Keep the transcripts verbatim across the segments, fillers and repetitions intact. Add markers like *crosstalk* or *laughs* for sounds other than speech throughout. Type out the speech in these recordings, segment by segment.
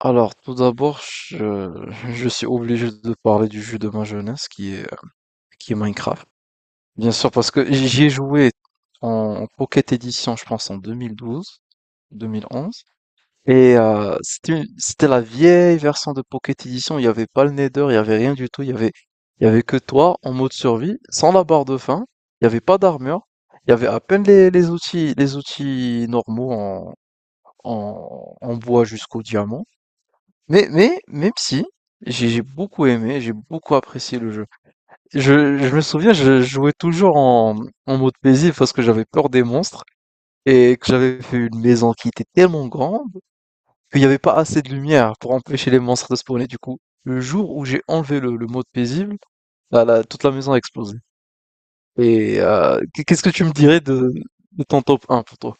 Alors, tout d'abord, je, je suis obligé de parler du jeu de ma jeunesse qui est, qui est Minecraft. Bien sûr, parce que j'y ai joué en Pocket Edition, je pense, en deux mille douze, deux mille onze. Et euh, c'était, c'était la vieille version de Pocket Edition. Il n'y avait pas le Nether, il n'y avait rien du tout. Il y avait, il y avait que toi en mode survie, sans la barre de faim. Il n'y avait pas d'armure. Il y avait à peine les, les outils, les outils normaux en, en, en bois jusqu'au diamant. Mais, mais, même si, j'ai j'ai beaucoup aimé, j'ai beaucoup apprécié le jeu. Je, je me souviens, je jouais toujours en, en mode paisible parce que j'avais peur des monstres et que j'avais fait une maison qui était tellement grande qu'il n'y avait pas assez de lumière pour empêcher les monstres de spawner. Du coup, le jour où j'ai enlevé le, le mode paisible, là, là, toute la maison a explosé. Et euh, qu'est-ce que tu me dirais de, de ton top un pour toi?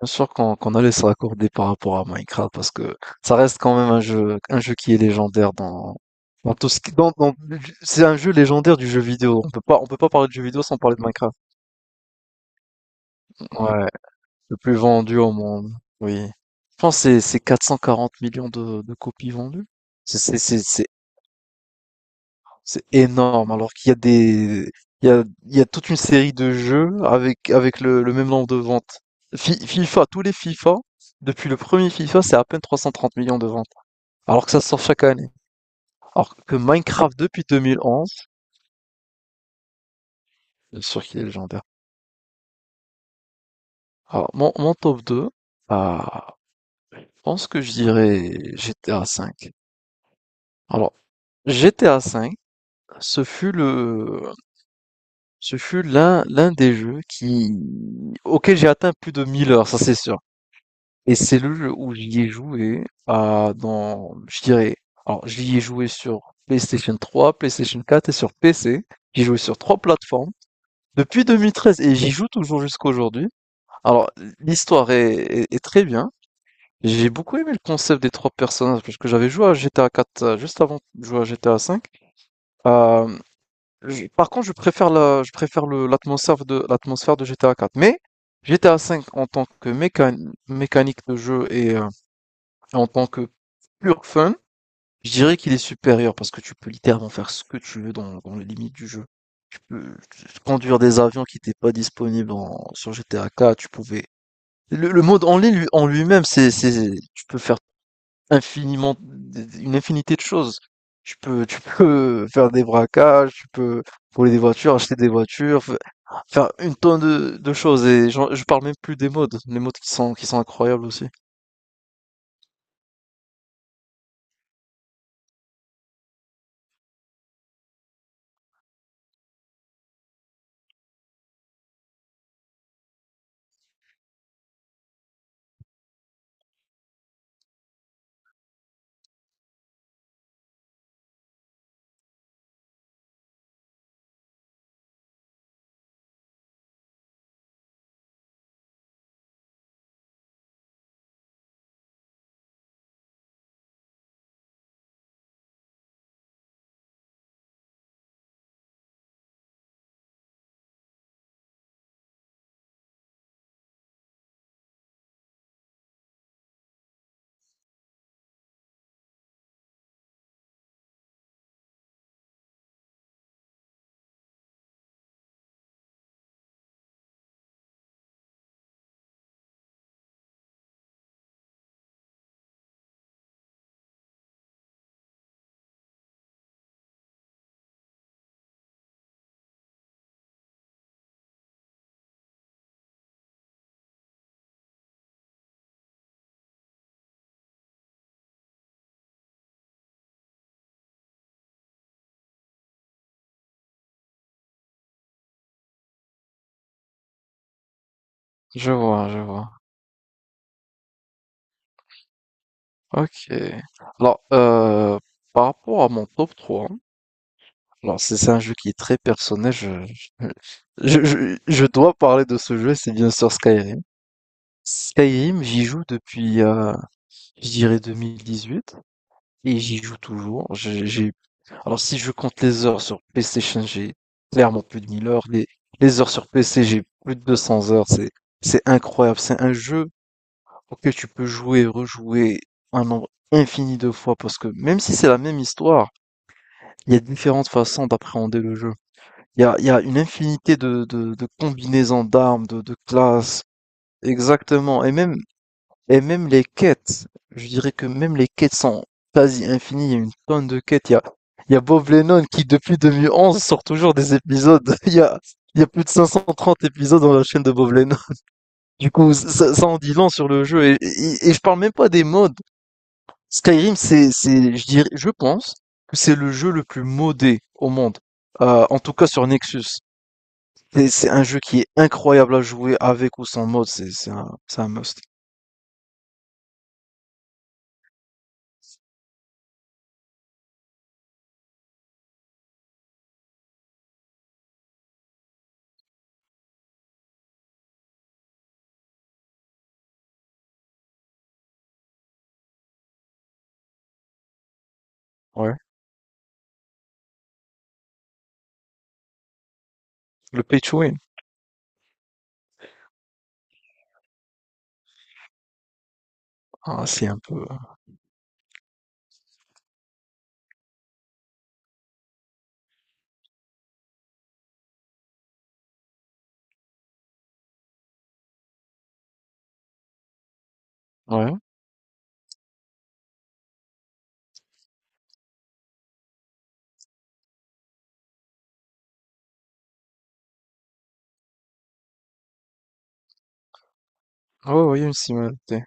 Bien sûr qu'on qu'on allait se raccorder par rapport à Minecraft parce que ça reste quand même un jeu, un jeu qui est légendaire dans, dans tout ce qui, dans, dans- c'est un jeu légendaire du jeu vidéo. On peut pas, on peut pas parler de jeu vidéo sans parler de Minecraft. Ouais, le plus vendu au monde. Oui. Je pense que c'est c'est quatre cent quarante millions de, de copies vendues. C'est c'est c'est c'est c'est énorme, alors qu'il y a des il y a il y a toute une série de jeux avec avec le, le même nombre de ventes. Fi- FIFA, tous les FIFA depuis le premier FIFA, c'est à peine trois cent trente millions de ventes. Alors que ça sort chaque année. Alors que Minecraft depuis deux mille onze, bien sûr qu'il est légendaire. Alors, mon, mon top deux, ah, je pense que je dirais G T A V. Alors, G T A V, ce fut le, ce fut l'un, l'un des jeux qui, auquel j'ai atteint plus de mille heures, ça c'est sûr. Et c'est le jeu où j'y ai joué, ah, dans, je dirais, alors j'y ai joué sur PlayStation trois, PlayStation quatre et sur P C. J'y ai joué sur trois plateformes depuis deux mille treize et j'y joue toujours jusqu'à aujourd'hui. Alors, l'histoire est, est- est très bien. J'ai beaucoup aimé le concept des trois personnages parce que j'avais joué à G T A quatre euh, juste avant de jouer à G T A cinq. Euh, je- Par contre, je préfère la, je préfère le, l'atmosphère de, l'atmosphère de G T A quatre. Mais G T A cinq en tant que mécan- mécanique de jeu et euh, en tant que pur fun, je dirais qu'il est supérieur parce que tu peux littéralement faire ce que tu veux dans, dans les limites du jeu. Tu peux conduire des avions qui n'étaient pas disponibles en- sur G T A quatre. Tu pouvais Le, le mode en ligne lui- en lui-même, c'est, c'est, tu peux faire infiniment, une infinité de choses. Tu peux, tu peux *laughs* faire des braquages, tu peux voler des voitures, acheter des voitures, fa- faire une tonne de, de choses. Et j'en- je parle même plus des modes, les modes qui sont, qui sont incroyables aussi. Je vois, je vois. Ok. Alors, euh, par rapport à mon top trois, hein. Alors c'est c'est un jeu qui est très personnel. Je, je, je, je je dois parler de ce jeu, c'est bien sûr Skyrim. Skyrim, j'y joue depuis, euh, je dirais huit, et j'y joue toujours. J'ai, j'ai- alors si je compte les heures sur PlayStation, j'ai clairement plus de mille heures. Les, les heures sur P C, j'ai plus de deux cents heures. C'est, c'est incroyable. C'est un jeu auquel tu peux jouer, rejouer un nombre infini de fois, parce que même si c'est la même histoire, Il y a différentes façons d'appréhender le jeu. Il y a, il y a une infinité de, de, de combinaisons d'armes, de, de classes. Exactement. Et même, et même les quêtes. Je dirais que même les quêtes sont quasi infinies. Il y a une tonne de quêtes. Il y a, il y a Bob Lennon qui, depuis deux mille onze, sort toujours des épisodes. *laughs* Il y a, il y a plus de cinq cent trente épisodes dans la chaîne de Bob Lennon. Du coup, ça, ça en dit long sur le jeu. Et, et, et je parle même pas des modes. Skyrim, c'est, c'est, je dirais, je pense que c'est le jeu le plus modé au monde, euh, en tout cas sur Nexus. C'est c'est un jeu qui est incroyable à jouer avec ou sans mode, c'est c'est un, c'est un must. Ouais. Le pay to win, ah, c'est un peu. Ouais. Ouais, ouais, il y a une similarité.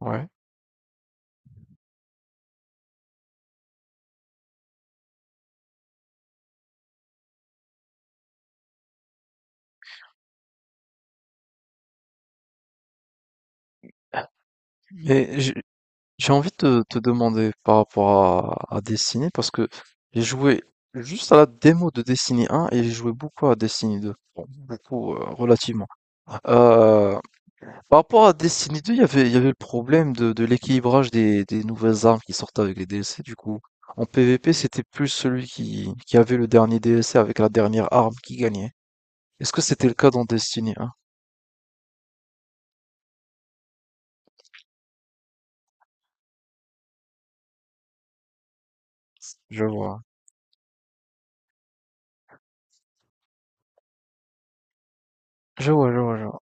Ouais. Mais j'ai j'ai envie de te, te demander par rapport à, à Destiny, parce que j'ai joué juste à la démo de Destiny un et j'ai joué beaucoup à Destiny deux. Bon, beaucoup, euh, relativement. Euh, Par rapport à Destiny deux, il y avait, il y avait le problème de, de l'équilibrage des, des nouvelles armes qui sortaient avec les D L C, du coup. En P V P, c'était plus celui qui, qui avait le dernier D L C avec la dernière arme qui gagnait. Est-ce que c'était le cas dans Destiny un? Je vois. Je vois, je vois, je vois.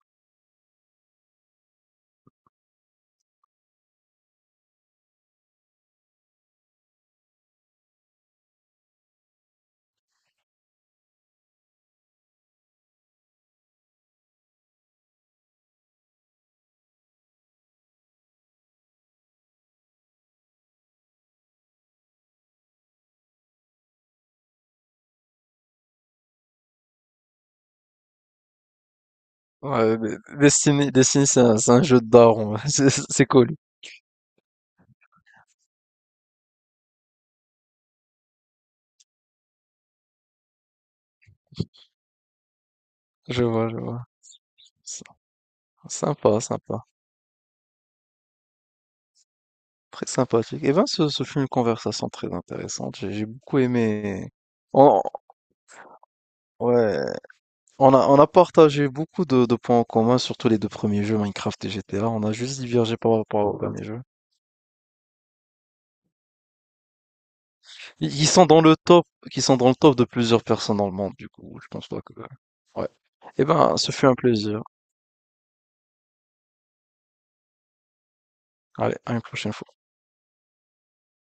Ouais, mais Destiny, Destiny, c'est un, c'est un jeu de daron. *laughs* C'est c'est cool. Je vois, je vois. Sy- Sympa, sympa. Très sympathique. Eh ben, ce, ce fut une conversation très intéressante. J'ai j'ai beaucoup aimé. Oh, ouais. On a, on a partagé beaucoup de, de points en commun, surtout les deux premiers jeux, Minecraft et G T A. On a juste divergé par rapport aux premier jeux. Ils ils sont dans le top, qui sont dans le top de plusieurs personnes dans le monde, du coup, je pense pas que... Ouais. Eh ben, ce fut un plaisir. Allez, à une prochaine fois.